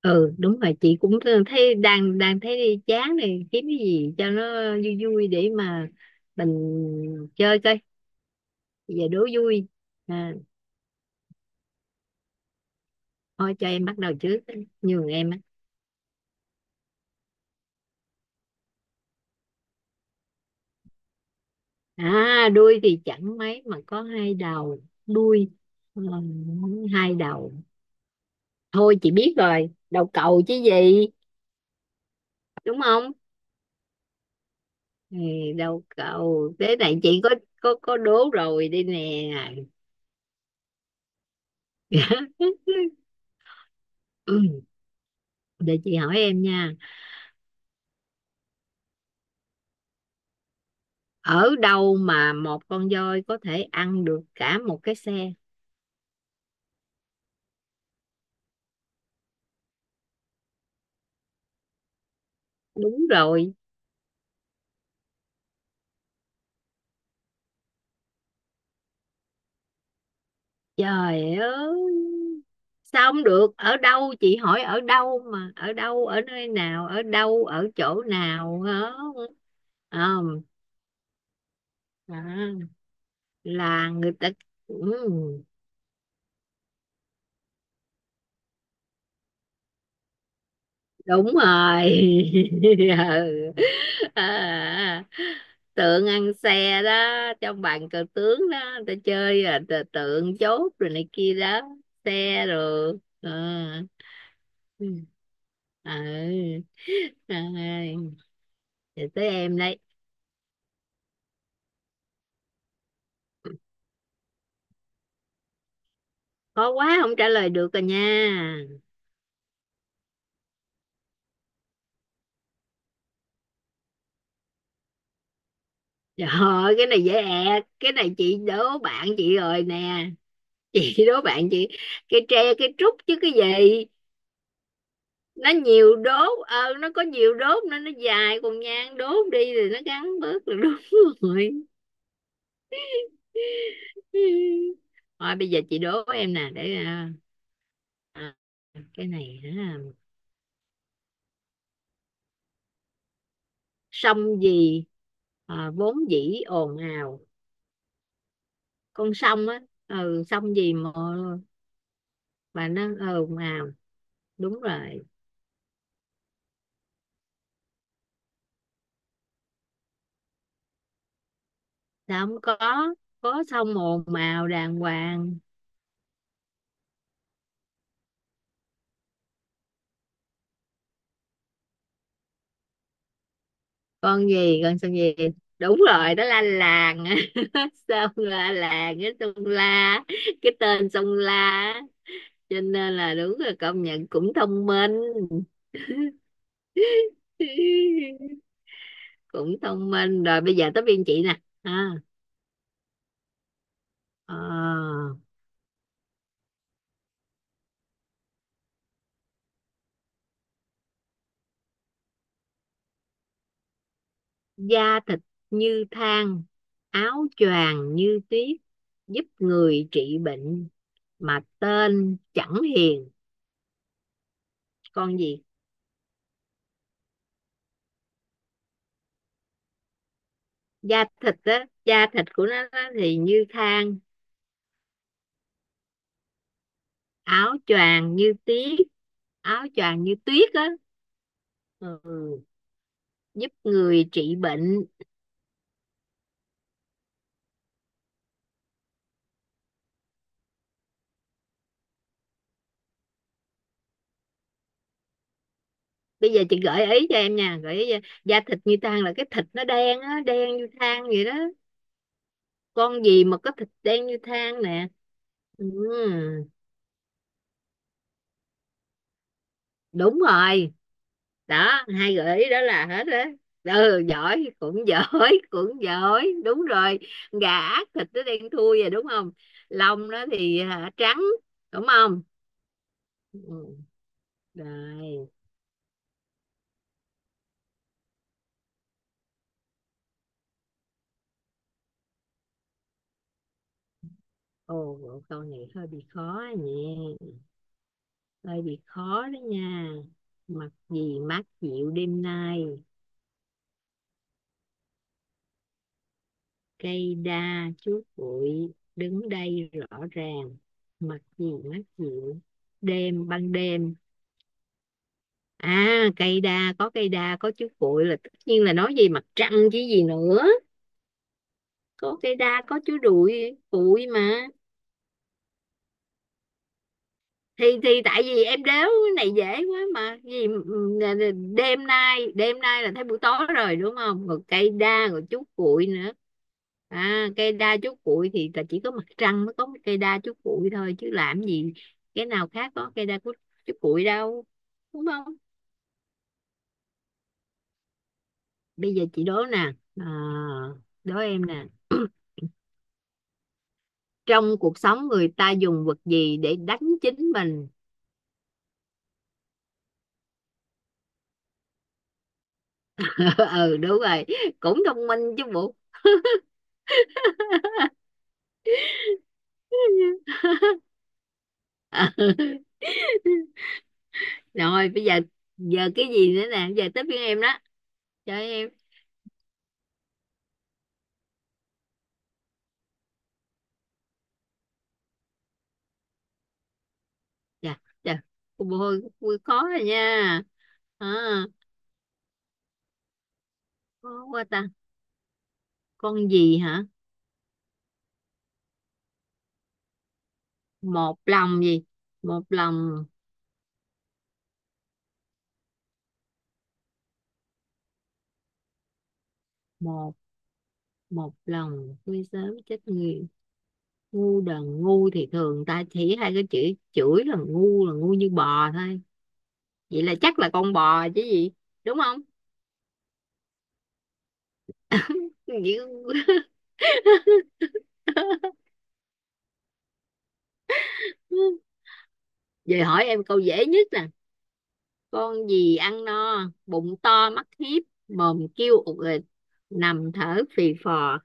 Ừ, đúng rồi, chị cũng thấy đang đang thấy chán này, kiếm cái gì cho nó vui vui để mà mình chơi coi. Bây giờ đố vui. à, Thôi cho em bắt đầu trước, nhường em á. À, đuôi thì chẳng mấy mà có hai đầu. Đuôi, ờ, hai đầu. Thôi chị biết rồi, đầu cầu chứ gì. Đúng không? Ừ, đầu cầu. Thế này chị có, có đố rồi đi nè. Ừ, để chị hỏi em nha. Ở đâu mà một con voi có thể ăn được cả một cái xe? Đúng rồi. Trời ơi, sao không được? Ở đâu, chị hỏi ở đâu mà, ở đâu, ở nơi nào, ở đâu, ở chỗ nào hả? Không. À, là người ta, ừ, đúng rồi. Ừ. À, tượng ăn xe đó. Trong bàn cờ tướng đó người ta chơi là tượng, chốt rồi này kia đó, xe rồi à. Ừ. À. Ai, giờ tới em đây. Khó quá không trả lời được rồi nha. Trời ơi, cái này dễ ẹc, cái này chị đố bạn chị rồi nè, chị đố bạn chị. Cây tre, cây trúc chứ cái gì. Nó nhiều đốt, ờ, nó có nhiều đốt nên nó dài, còn nhang đốt đi thì nó ngắn bớt, là đúng rồi. Thôi bây giờ chị đố em nè. Để à, cái này hả. Sông gì à, vốn dĩ ồn ào. Con sông á. Ừ, sông gì mà nó ồn ào. Đúng rồi. Sao không có, có sông ồn ào đàng hoàng. Con gì, con sông gì? Đúng rồi, đó là làng. Sông là làng, cái sông La, cái tên sông La á. Cho nên là đúng, là công nhận cũng thông minh. Cũng thông minh rồi. Bây giờ tới biên chị nè. Ờ, Da thịt như than, áo choàng như tuyết, giúp người trị bệnh mà tên chẳng hiền. Con gì? Da thịt á, da thịt của nó á thì như than. Áo choàng như tuyết, áo choàng như tuyết á. Ừ. Giúp người trị bệnh. Bây giờ chị gợi ý cho em nha, gợi ý cho. Da thịt như than là cái thịt nó đen á, đen như than vậy đó. Con gì mà có thịt đen như than nè? Ừ. Đúng rồi, đó hai gợi ý đó là hết. Đó, ừ, giỏi, cũng giỏi. Cũng giỏi, đúng rồi. Gà ác thịt nó đen thui rồi, đúng không? Lông nó thì hả, trắng. Đúng không? Ừ. Rồi. Ồ, câu này hơi bị khó nhỉ, hơi bị khó đó nha. Mặc gì mát dịu đêm nay, cây đa chuốt bụi đứng đây rõ ràng. Mặc gì mát dịu, đêm ban đêm. À, cây đa, có chuốt bụi là tất nhiên là nói về mặt trăng chứ gì nữa. Có cây đa, có chuốt bụi, bụi mà. Thì tại vì em đéo, cái này dễ quá mà gì. Đêm nay, đêm nay là thấy buổi tối rồi đúng không, rồi cây đa rồi chú cuội nữa. À, cây đa chú cuội thì là chỉ có mặt trăng mới có cái cây đa chú cuội thôi, chứ làm gì cái nào khác có cây đa chú cuội đâu. Đúng không? Bây giờ chị đố nè. Đố em nè. Trong cuộc sống người ta dùng vật gì để đánh chính mình? Ừ, đúng rồi, cũng thông minh chứ bộ. Rồi, bây giờ giờ cái gì nữa nè, giờ tới phiên em đó. Cho em. Dạ, dạ. Cô bồ hôi vui khó rồi nha. À, khó quá ta. Con gì hả? Một lòng gì? Một lòng, một một lòng vui sớm chết người. Ngu đần, ngu thì thường ta chỉ hai cái chữ, chửi là ngu như bò thôi. Vậy là chắc là con bò chứ gì, đúng không? Vậy- Vậy hỏi em câu dễ nhất nè. Con gì ăn no bụng to mắt hiếp, mồm kêu ụt ịt, nằm thở phì phò?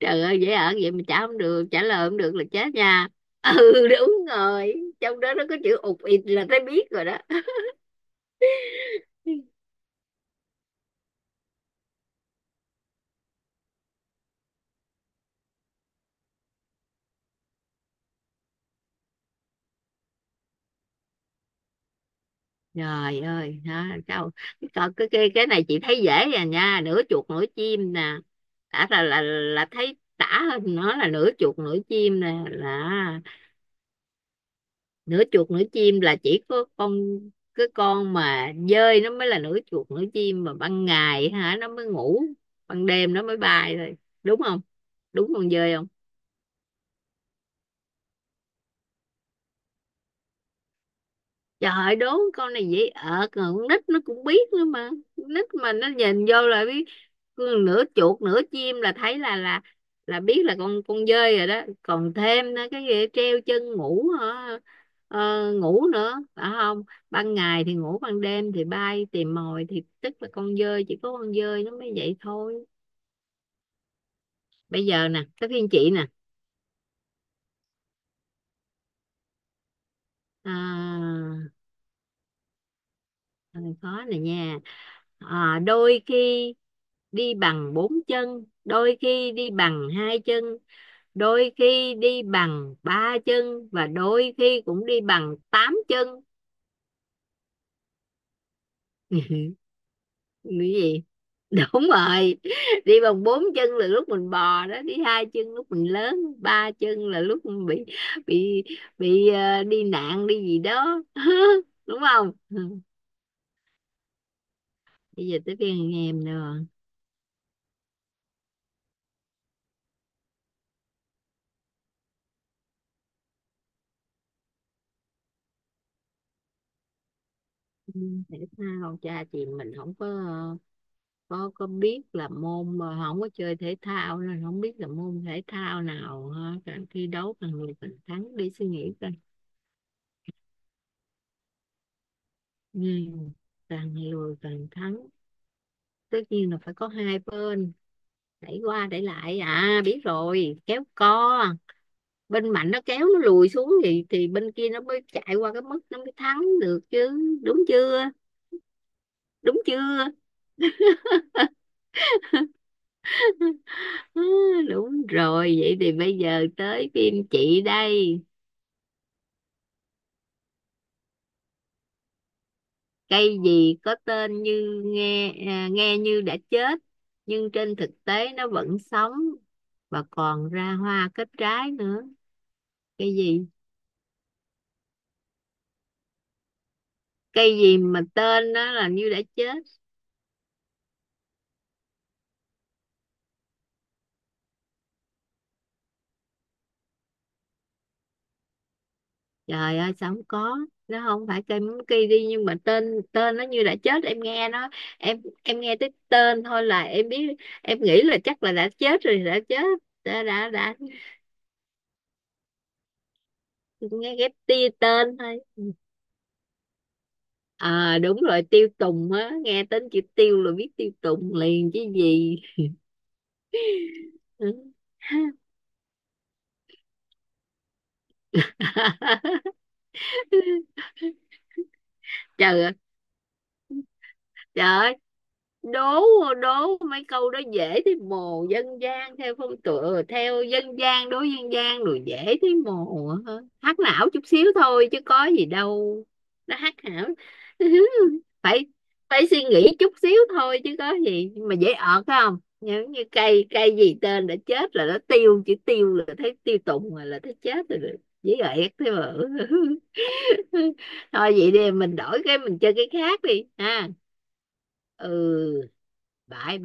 Trời ơi, dễ ở vậy mà trả không được, trả lời không được là chết nha. Ừ, đúng rồi. Trong đó nó có chữ ụt ịt là thấy biết rồi đó. Trời ơi đó, câu coi cái này chị thấy dễ rồi nha. Nửa chuột nửa chim nè, đã là thấy tả hơn nó là nửa chuột nửa chim nè, là nửa chuột nửa chim là chỉ có con, cái con mà dơi nó mới là nửa chuột nửa chim, mà ban ngày hả nó mới ngủ, ban đêm nó mới bay thôi. Đúng không? Đúng con dơi không? Trời ơi, đố. Con này dễ ợt rồi, con nít nó cũng biết nữa mà, con nít mà nó nhìn vô là biết nửa chuột nửa chim là thấy là biết là con dơi rồi đó. Còn thêm nữa, cái gì treo chân ngủ hả? Ờ, ngủ nữa phải không? Ban ngày thì ngủ, ban đêm thì bay tìm mồi, thì tức là con dơi, chỉ có con dơi nó mới vậy thôi. Bây giờ nè tới phiên chị nè. à, Ừ, khó này nha. À, đôi khi đi bằng bốn chân, đôi khi đi bằng hai chân, đôi khi đi bằng ba chân, và đôi khi cũng đi bằng tám chân. Cái gì? Đúng rồi. Đi bằng bốn chân là lúc mình bò đó, đi hai chân lúc mình lớn, ba chân là lúc mình bị bị ờ, đi nạn đi gì đó. Đúng không? Ừ. Bây giờ tới phiên anh em nữa. Ừ, thể thao cha chị mình không có, biết là môn, mà không có chơi thể thao nên không biết là môn thể thao nào ha. Càng thi đấu càng lùi càng thắng, đi suy nghĩ coi. Ừ. Càng lùi càng thắng, tất nhiên là phải có hai bên đẩy qua đẩy lại. À, biết rồi, kéo co. Bên mạnh nó kéo nó lùi xuống thì bên kia nó mới chạy qua cái mức nó mới thắng được chứ. Đúng chưa? Đúng chưa? Đúng rồi. Vậy thì bây giờ tới phim chị đây. Cây gì có tên như nghe nghe như đã chết nhưng trên thực tế nó vẫn sống và còn ra hoa kết trái nữa. Cây gì? Cây gì mà tên nó là như đã chết? Trời ơi sao không có? Nó không phải cây mắm cây đi, nhưng mà tên tên nó như đã chết, em nghe nó, em nghe tới tên thôi là em biết, em nghĩ là chắc là đã chết rồi, đã chết, đã nghe ghép tia tên thôi. À đúng rồi, tiêu tùng á, nghe tên chữ tiêu là biết tiêu tùng liền chứ gì. Ừ. Trời ơi. Trời ơi, đố đố mấy câu đó dễ thấy mồ, dân gian theo phong tựa, theo dân gian, đối dân gian rồi dễ thấy mồ hả? Hack não chút xíu thôi chứ có gì đâu, nó hack não. phải Phải suy nghĩ chút xíu thôi chứ có gì. Nhưng mà dễ ọt phải không, giống như cây cây gì tên đã chết là nó tiêu, chữ tiêu là thấy tiêu tùng rồi, là thấy chết rồi. Dễ ẹt thế mà. Thôi vậy đi, mình đổi cái mình chơi cái khác đi ha. Ừ, bye bye.